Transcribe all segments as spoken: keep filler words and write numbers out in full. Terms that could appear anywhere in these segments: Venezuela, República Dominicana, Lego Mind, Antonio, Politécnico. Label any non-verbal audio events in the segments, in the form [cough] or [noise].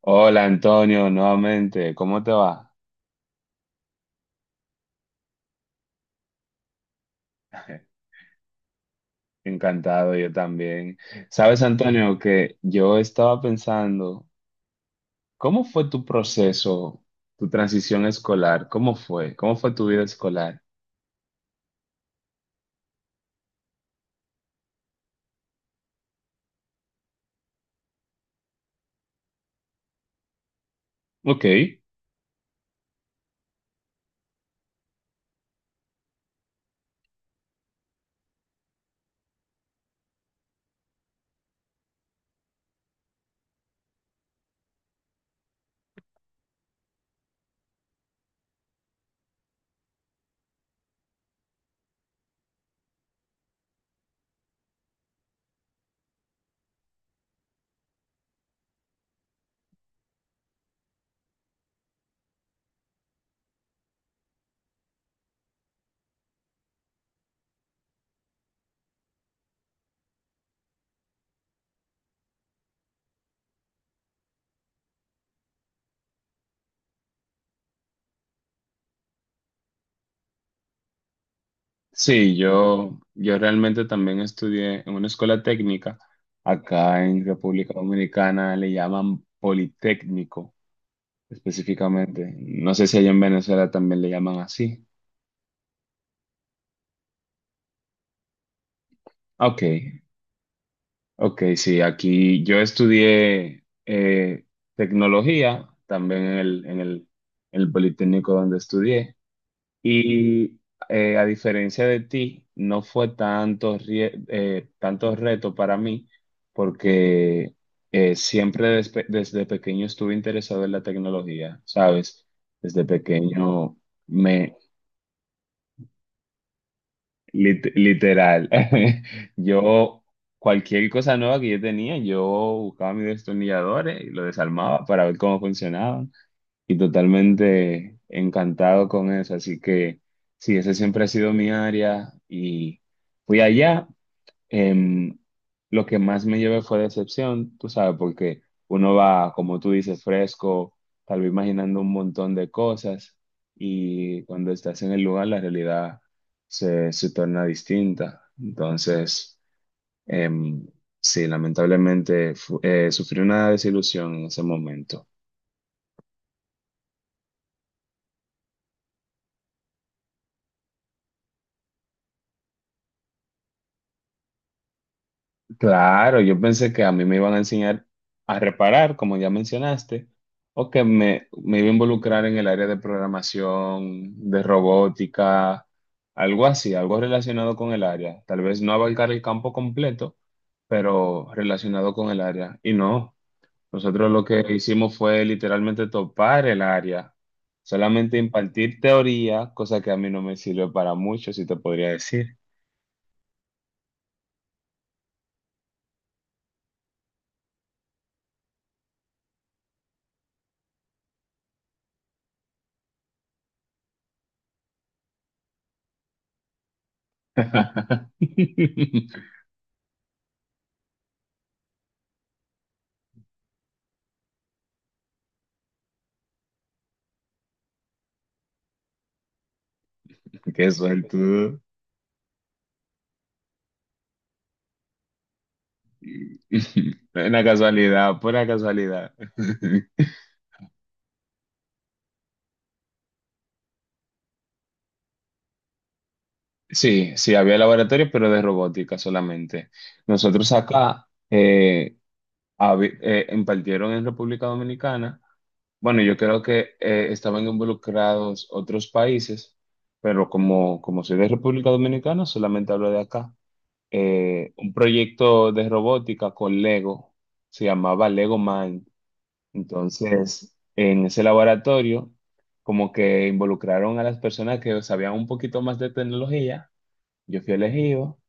Hola Antonio, nuevamente, ¿cómo te va? [laughs] Encantado, yo también. Sabes, Antonio, que yo estaba pensando, ¿cómo fue tu proceso, tu transición escolar? ¿Cómo fue? ¿Cómo fue tu vida escolar? Ok, sí, yo, yo realmente también estudié en una escuela técnica. Acá en República Dominicana le llaman Politécnico específicamente. No sé si allá en Venezuela también le llaman así. Ok. Ok, sí, aquí yo estudié eh, tecnología también en el, en el, en el Politécnico donde estudié y eh, a diferencia de ti, no fue tanto, rie- eh, tanto reto para mí porque eh, siempre despe- desde pequeño estuve interesado en la tecnología, ¿sabes? Desde pequeño Lit- literal. [laughs] Yo, cualquier cosa nueva que yo tenía, yo buscaba mis destornilladores y lo desarmaba para ver cómo funcionaban. Y totalmente encantado con eso. Así que sí, esa siempre ha sido mi área. Y fui allá, em, lo que más me llevé fue decepción, tú sabes, porque uno va, como tú dices, fresco, tal vez imaginando un montón de cosas y cuando estás en el lugar la realidad se, se torna distinta. Entonces, em, sí, lamentablemente fu- eh, sufrí una desilusión en ese momento. Claro, yo pensé que a mí me iban a enseñar a reparar, como ya mencionaste, o que me, me iba a involucrar en el área de programación, de robótica, algo así, algo relacionado con el área. Tal vez no abarcar el campo completo, pero relacionado con el área. Y no, nosotros lo que hicimos fue literalmente topar el área, solamente impartir teoría, cosa que a mí no me sirvió para mucho, si te podría decir. [laughs] Qué suerte. [laughs] Una casualidad, pura casualidad. [laughs] Sí, sí, había laboratorios, pero de robótica solamente. Nosotros acá eh, habi- eh, impartieron en República Dominicana. Bueno, yo creo que eh, estaban involucrados otros países, pero como, como soy de República Dominicana, solamente hablo de acá. Eh, un proyecto de robótica con Lego, se llamaba Lego Mind. Entonces, en ese laboratorio, como que involucraron a las personas que sabían un poquito más de tecnología, yo fui elegido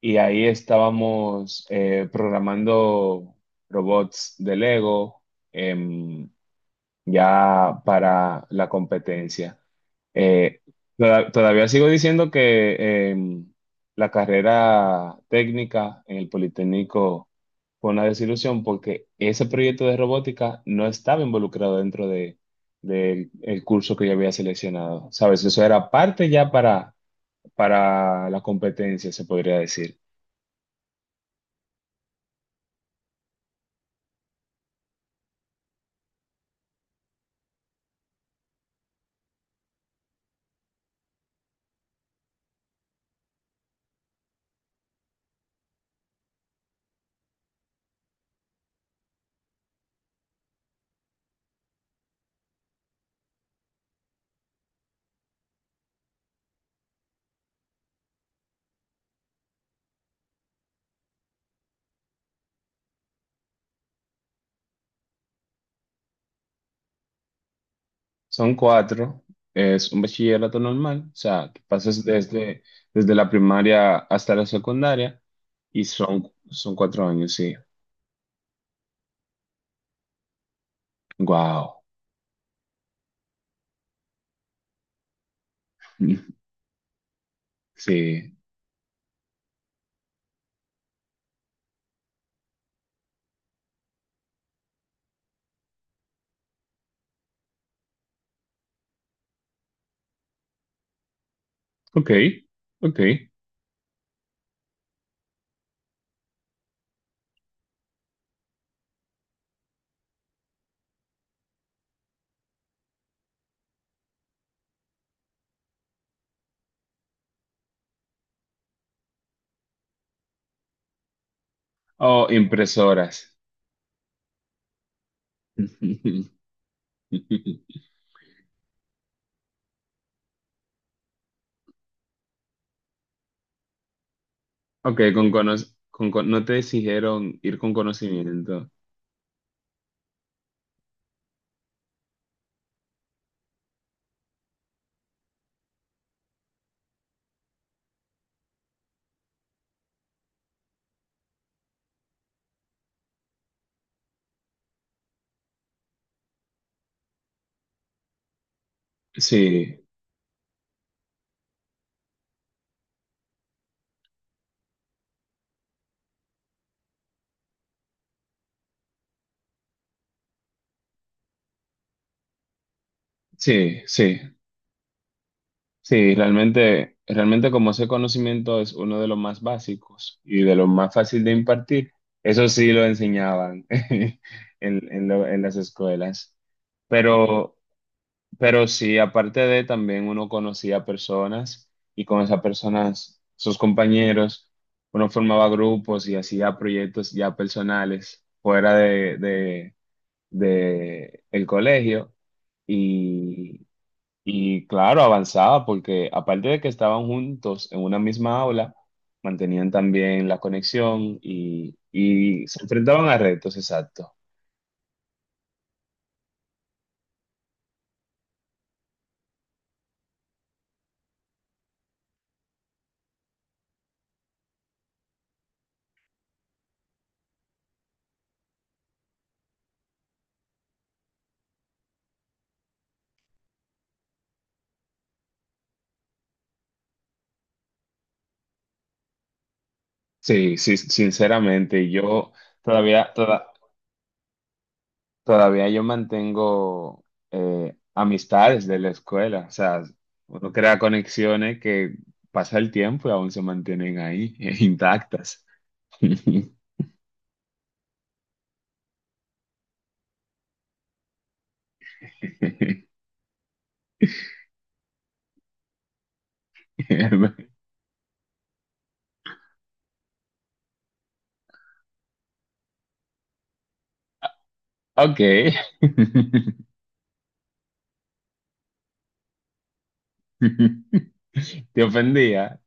y ahí estábamos eh, programando robots de Lego, em, ya para la competencia. Eh, toda- todavía sigo diciendo que eh, la carrera técnica en el Politécnico fue una desilusión porque ese proyecto de robótica no estaba involucrado dentro de, del el curso que yo había seleccionado. ¿Sabes? Eso era parte ya para, para la competencia, se podría decir. Son cuatro. Es un bachillerato normal, o sea, que pasas desde, desde la primaria hasta la secundaria y son, son cuatro años, sí. Wow. Sí. Ok, ok. Oh, impresoras. [laughs] Ok, con, cono- con, con- no te exigieron ir con conocimiento. Sí, sí, sí. Sí, realmente, realmente como ese conocimiento es uno de los más básicos y de los más fácil de impartir, eso sí lo enseñaban [laughs] en, en lo- en las escuelas. Pero, pero sí, aparte de también uno conocía personas y con esas personas, sus compañeros, uno formaba grupos y hacía proyectos ya personales fuera de, de, de el colegio y claro, avanzaba porque aparte de que estaban juntos en una misma aula, mantenían también la conexión y, y se enfrentaban a retos, exacto. Sí, sí, sinceramente, yo todavía, toda- todavía yo mantengo eh, amistades de la escuela, o sea, uno crea conexiones que pasa el tiempo y aún se mantienen ahí, [laughs] intactas. [laughs] Ok. [laughs] Te ofendía.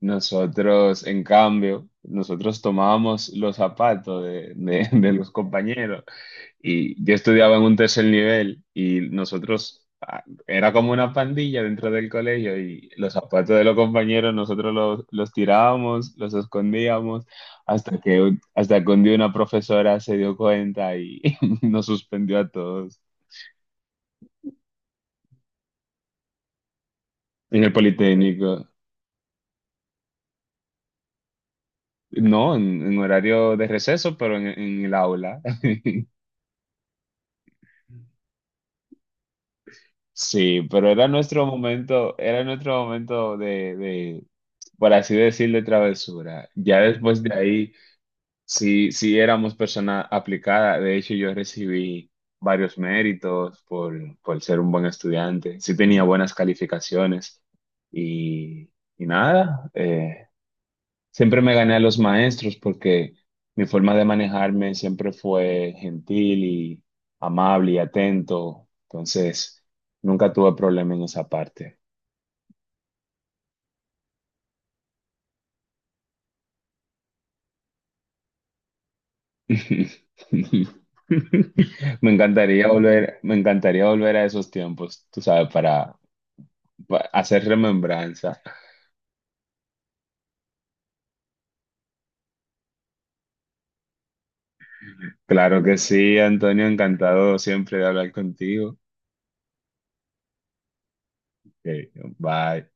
Nosotros, en cambio, nosotros tomábamos los zapatos de, de- [laughs] de los compañeros y yo estudiaba en un tercer nivel y nosotros ah, era como una pandilla dentro del colegio y los zapatos de los compañeros nosotros los, los tirábamos, los escondíamos hasta que, un- hasta que un día una profesora se dio cuenta y [laughs] nos suspendió a todos en el Politécnico. No, en, en horario de receso, pero en, en el aula. Sí, pero era nuestro momento, era nuestro momento de, de, por así decir, de travesura. Ya después de ahí, sí, sí éramos persona aplicada. De hecho, yo recibí varios méritos por, por ser un buen estudiante. Sí tenía buenas calificaciones y, y nada. eh, Siempre me gané a los maestros porque mi forma de manejarme siempre fue gentil y amable y atento. Entonces, nunca tuve problema en esa parte. [laughs] Me encantaría volver, me encantaría volver a esos tiempos, tú sabes, para, pa- hacer remembranza. Claro que sí, Antonio, encantado siempre de hablar contigo. Ok, bye.